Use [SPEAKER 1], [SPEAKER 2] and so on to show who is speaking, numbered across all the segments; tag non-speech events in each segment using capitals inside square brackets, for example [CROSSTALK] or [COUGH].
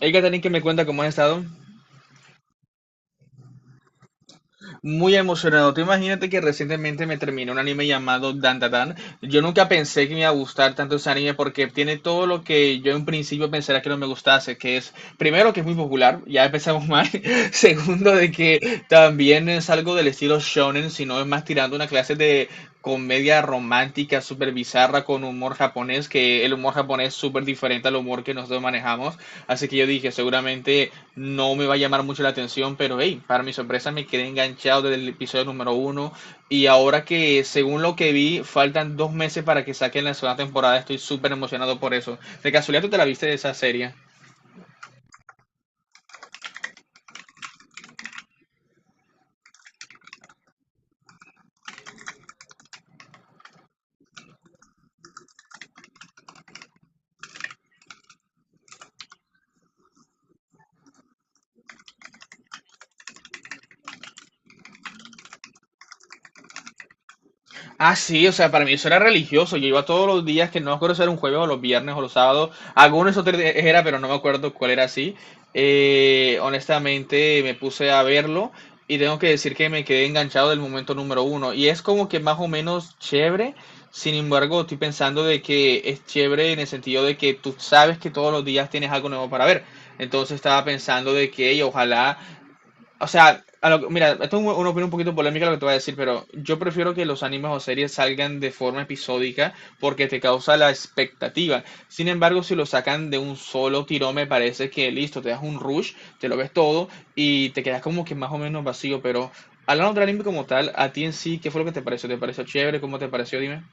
[SPEAKER 1] Hay que tener que me cuenta cómo has estado. Muy emocionado. Tú imagínate que recientemente me terminé un anime llamado Dandadan. Yo nunca pensé que me iba a gustar tanto ese anime porque tiene todo lo que yo en principio pensara que no me gustase, que es, primero, que es muy popular, ya empezamos mal. [LAUGHS] Segundo, de que también es algo del estilo shonen, sino es más tirando una clase de comedia romántica súper bizarra con humor japonés, que el humor japonés es súper diferente al humor que nosotros manejamos. Así que yo dije, seguramente no me va a llamar mucho la atención, pero hey, para mi sorpresa me quedé enganchado desde el episodio número uno. Y ahora que, según lo que vi, faltan dos meses para que saquen la segunda temporada, estoy súper emocionado por eso. De casualidad, ¿tú te la viste de esa serie? Ah, sí, o sea, para mí eso era religioso. Yo iba todos los días, que no me acuerdo si era un jueves o los viernes o los sábados. Algunos otros días era, pero no me acuerdo cuál era así. Honestamente, me puse a verlo y tengo que decir que me quedé enganchado del momento número uno. Y es como que más o menos chévere. Sin embargo, estoy pensando de que es chévere en el sentido de que tú sabes que todos los días tienes algo nuevo para ver. Entonces estaba pensando de que "Ey, ojalá o sea, a lo- mira, esto es un- una opinión un poquito polémica lo que te voy a decir, pero yo prefiero que los animes o series salgan de forma episódica porque te causa la expectativa. Sin embargo, si lo sacan de un solo tirón, me parece que listo, te das un rush, te lo ves todo y te quedas como que más o menos vacío. Pero hablando del anime como tal, a ti en sí, ¿qué fue lo que te pareció? ¿Te pareció chévere? ¿Cómo te pareció? Dime.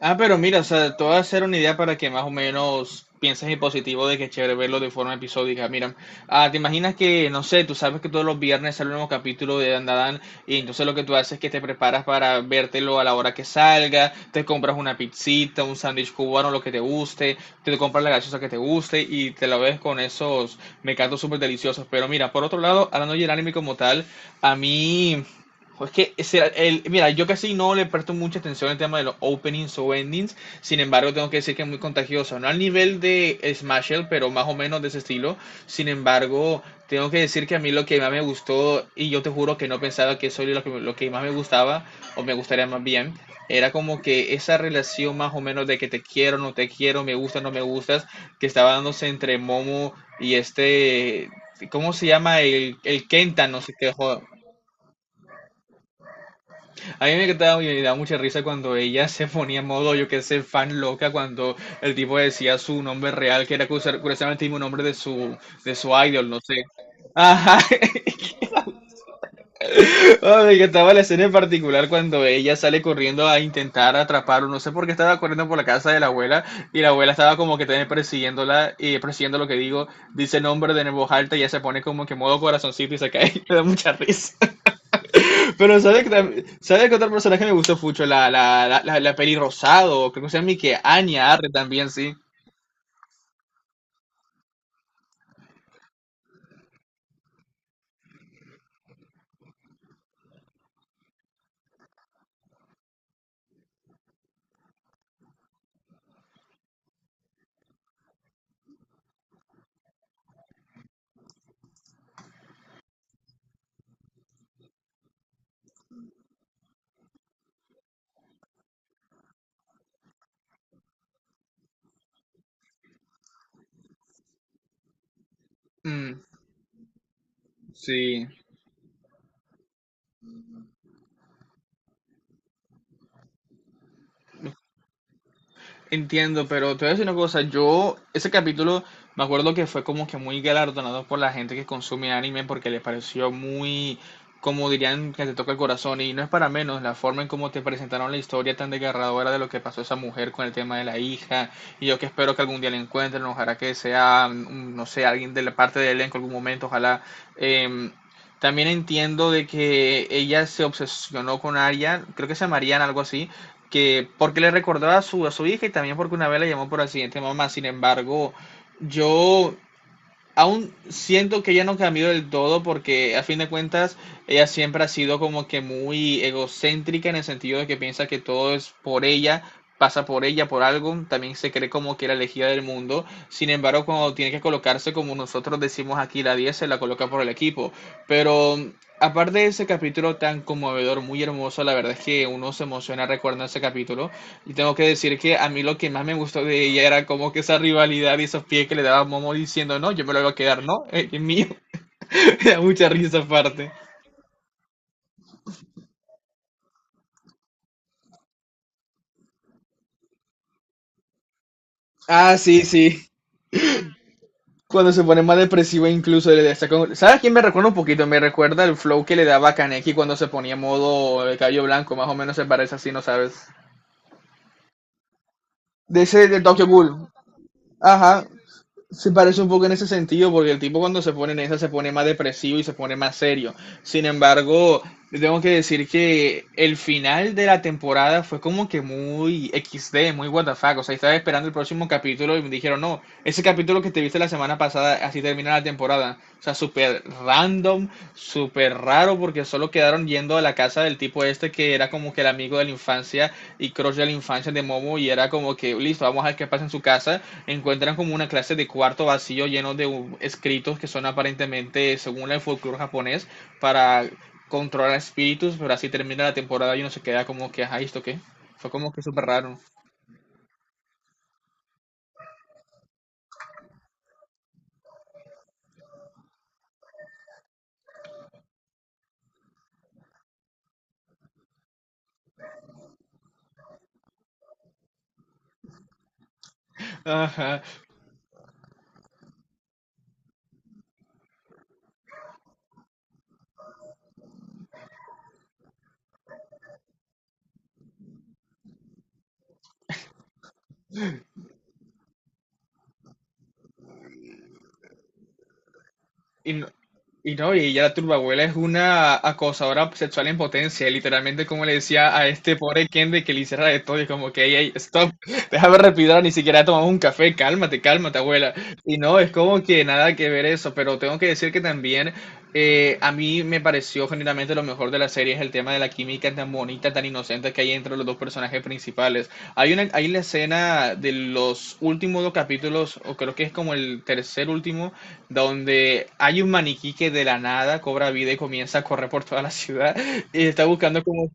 [SPEAKER 1] Ah, pero mira, o sea, te voy a hacer una idea para que más o menos pienses en positivo de que es chévere verlo de forma episódica. Mira, te imaginas que, no sé, tú sabes que todos los viernes sale un nuevo capítulo de Dandadan y entonces lo que tú haces es que te preparas para vértelo a la hora que salga, te compras una pizzita, un sándwich cubano, lo que te guste, te compras la gaseosa que te guste y te la ves con esos mecatos súper deliciosos. Pero mira, por otro lado, hablando del anime como tal, a mí ojo, es que ese era el, mira, yo casi no le presto mucha atención al tema de los openings o endings, sin embargo tengo que decir que es muy contagioso, no al nivel de Smasher, pero más o menos de ese estilo, sin embargo tengo que decir que a mí lo que más me gustó, y yo te juro que no pensaba que eso era lo que más me gustaba, o me gustaría más bien, era como que esa relación más o menos de que te quiero, no te quiero, me gustas, no me gustas, que estaba dándose entre Momo y este, ¿cómo se llama? El Kenta, no sé qué, joder. A mí me quedaba me daba mucha risa cuando ella [LAUGHS] se ponía en modo, yo qué sé, fan loca, cuando el tipo decía su nombre real, que era curiosa- curiosamente el mismo nombre de su idol, no sé. Ajá. [LAUGHS] Oh, me encantaba la escena en particular cuando ella sale corriendo a intentar atraparlo, no sé por qué estaba corriendo por la casa de la abuela y la abuela estaba como que también persiguiéndola y persiguiendo lo que digo, dice el nombre de nuevo alta y ella se pone como que modo corazoncito y se cae. [LAUGHS] Me da mucha risa. Pero ¿sabes que, tam- ¿sabes que otro personaje me gustó mucho? La peli, creo que se llama que Anya Arre también, sí. Mm, sí. Entiendo, pero te voy a decir una cosa, yo, ese capítulo, me acuerdo que fue como que muy galardonado por la gente que consume anime porque le pareció muy, como dirían, que te toca el corazón, y no es para menos la forma en cómo te presentaron la historia tan desgarradora de lo que pasó esa mujer con el tema de la hija, y yo que espero que algún día la encuentren, ojalá que sea, mm, no sé, alguien de la parte del elenco en algún momento, ojalá. em, También entiendo de que ella se obsesionó con Arya, creo que se llama Mariana, algo así, que porque le recordó a su hija y también porque una vez la llamó por accidente mamá. Sin embargo, yo aún siento que ella no cambió del todo porque a fin de cuentas ella siempre ha sido como que muy egocéntrica en el sentido de que piensa que todo es por ella, pasa por ella, por algo, también se cree como que la elegida del mundo, sin embargo cuando tiene que colocarse, como nosotros decimos aquí, la diez, se la coloca por el equipo, pero aparte de ese capítulo tan conmovedor, muy hermoso, la verdad es que uno se emociona recordando ese capítulo, y tengo que decir que a mí lo que más me gustó de ella era como que esa rivalidad y esos pies que le daba Momo diciendo, no, yo me lo voy a quedar, no, es mío. [LAUGHS] Me da mucha risa aparte. Ah, sí, sí. Cuando se pone más depresivo incluso le está con- ¿Sabes a quién me recuerda un poquito? Me recuerda el flow que le daba Kaneki cuando se ponía modo el cabello blanco, más o menos se parece así, ¿no sabes? De ese de Tokyo Ghoul. Ajá. Se parece un poco en ese sentido, porque el tipo cuando se pone en esa se pone más depresivo y se pone más serio. Sin embargo, tengo que decir que el final de la temporada fue como que muy equis, de muy what the fuck. O sea, estaba esperando el próximo capítulo y me dijeron, no, ese capítulo que te viste la semana pasada, así termina la temporada. O sea, súper random, súper raro, porque solo quedaron yendo a la casa del tipo este que era como que el amigo de la infancia y crush de la infancia de Momo y era como que, listo, vamos a ver qué pasa en su casa, encuentran como una clase de cuarto vacío lleno de escritos que son aparentemente, según el folclore japonés, para controlar espíritus, pero así termina la temporada y uno se queda como que, ajá, ¿esto qué? Fue como que súper raro. Ajá. Y no, y no, y ella, la turbabuela, es una acosadora sexual en potencia, literalmente como le decía a este pobre Ken de que le hiciera de todo y como que, ey, ey, stop, déjame respirar, ni siquiera he tomado un café, cálmate, cálmate, abuela. Y no, es como que nada que ver eso, pero tengo que decir que también a mí me pareció generalmente lo mejor de la serie es el tema de la química tan bonita, tan inocente que hay entre los dos personajes principales. Hay una, hay la escena de los últimos dos capítulos, o creo que es como el tercer último, donde hay un maniquí que de la nada cobra vida y comienza a correr por toda la ciudad y está buscando como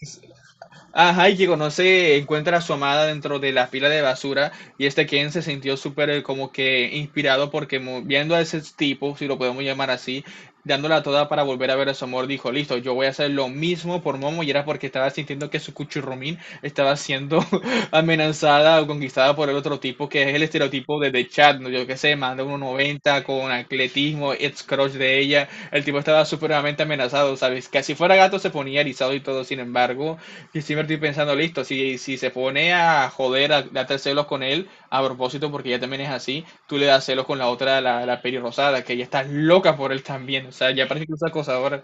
[SPEAKER 1] ajá, y que conoce, encuentra a su amada dentro de la pila de basura, y este Ken se sintió súper como que inspirado porque mu- viendo a ese tipo, si lo podemos llamar así, dándola toda para volver a ver a su amor, dijo, listo, yo voy a hacer lo mismo por Momo, y era porque estaba sintiendo que su cuchurrumín estaba siendo [LAUGHS] amenazada o conquistada por el otro tipo que es el estereotipo de The Chat, ¿no? Yo qué sé, manda uno noventa con atletismo, ex crush de ella, el tipo estaba supremamente amenazado, ¿sabes? Que si fuera gato se ponía erizado y todo, sin embargo... Y siempre estoy pensando, listo, si, se pone a joder, a darte celos con él, a propósito, porque ella también es así, tú le das celos con la otra, la pelirrosada, que ella está loca por él también. O sea, ya parece que es acosadora.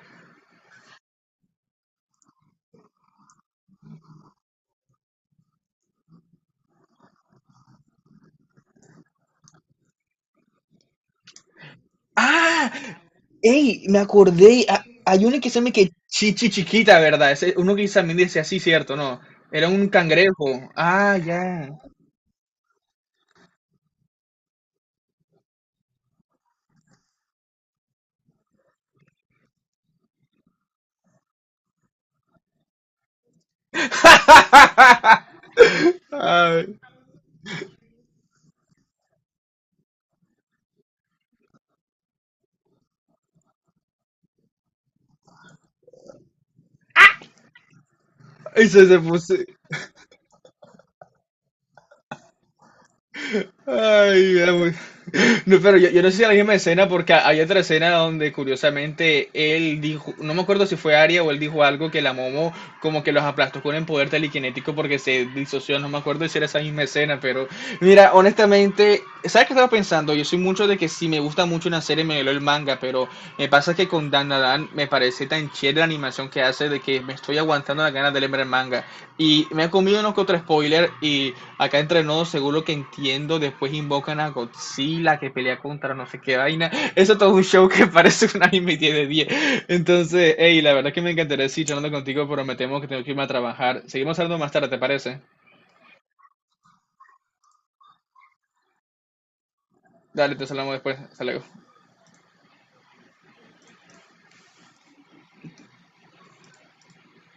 [SPEAKER 1] ¡Ah! ¡Ey! Me acordé. Hay uno que se me que chichi chiquita, ¿verdad? Ese- uno que también dice así, ¿cierto? No. Era un cangrejo. Ah, ya. Ay, eso se puso. Ay, era muy- No, pero yo, no sé si es la misma escena porque hay otra escena donde curiosamente él dijo, no me acuerdo si fue Aria, o él dijo algo que la Momo como que los aplastó con el poder telequinético porque se disoció, no me acuerdo si era esa misma escena, pero mira, honestamente, ¿sabes qué estaba pensando? Yo soy mucho de que si me gusta mucho una serie me leo el manga, pero me pasa que con Dan me parece tan chévere la animación que hace de que me estoy aguantando las ganas de leer el manga. Y me ha comido unos que otro spoiler y acá entre nos, según lo que entiendo, después invocan a Godzilla que pelea contra no sé qué vaina. Eso es todo un show que [LAUGHS] parece un anime 10 de 10. Entonces, hey, la verdad es que me encantaría seguir charlando contigo, pero me temo que tengo que irme a trabajar. Seguimos hablando más tarde, ¿te parece? Dale, te hablamos después. Hasta luego.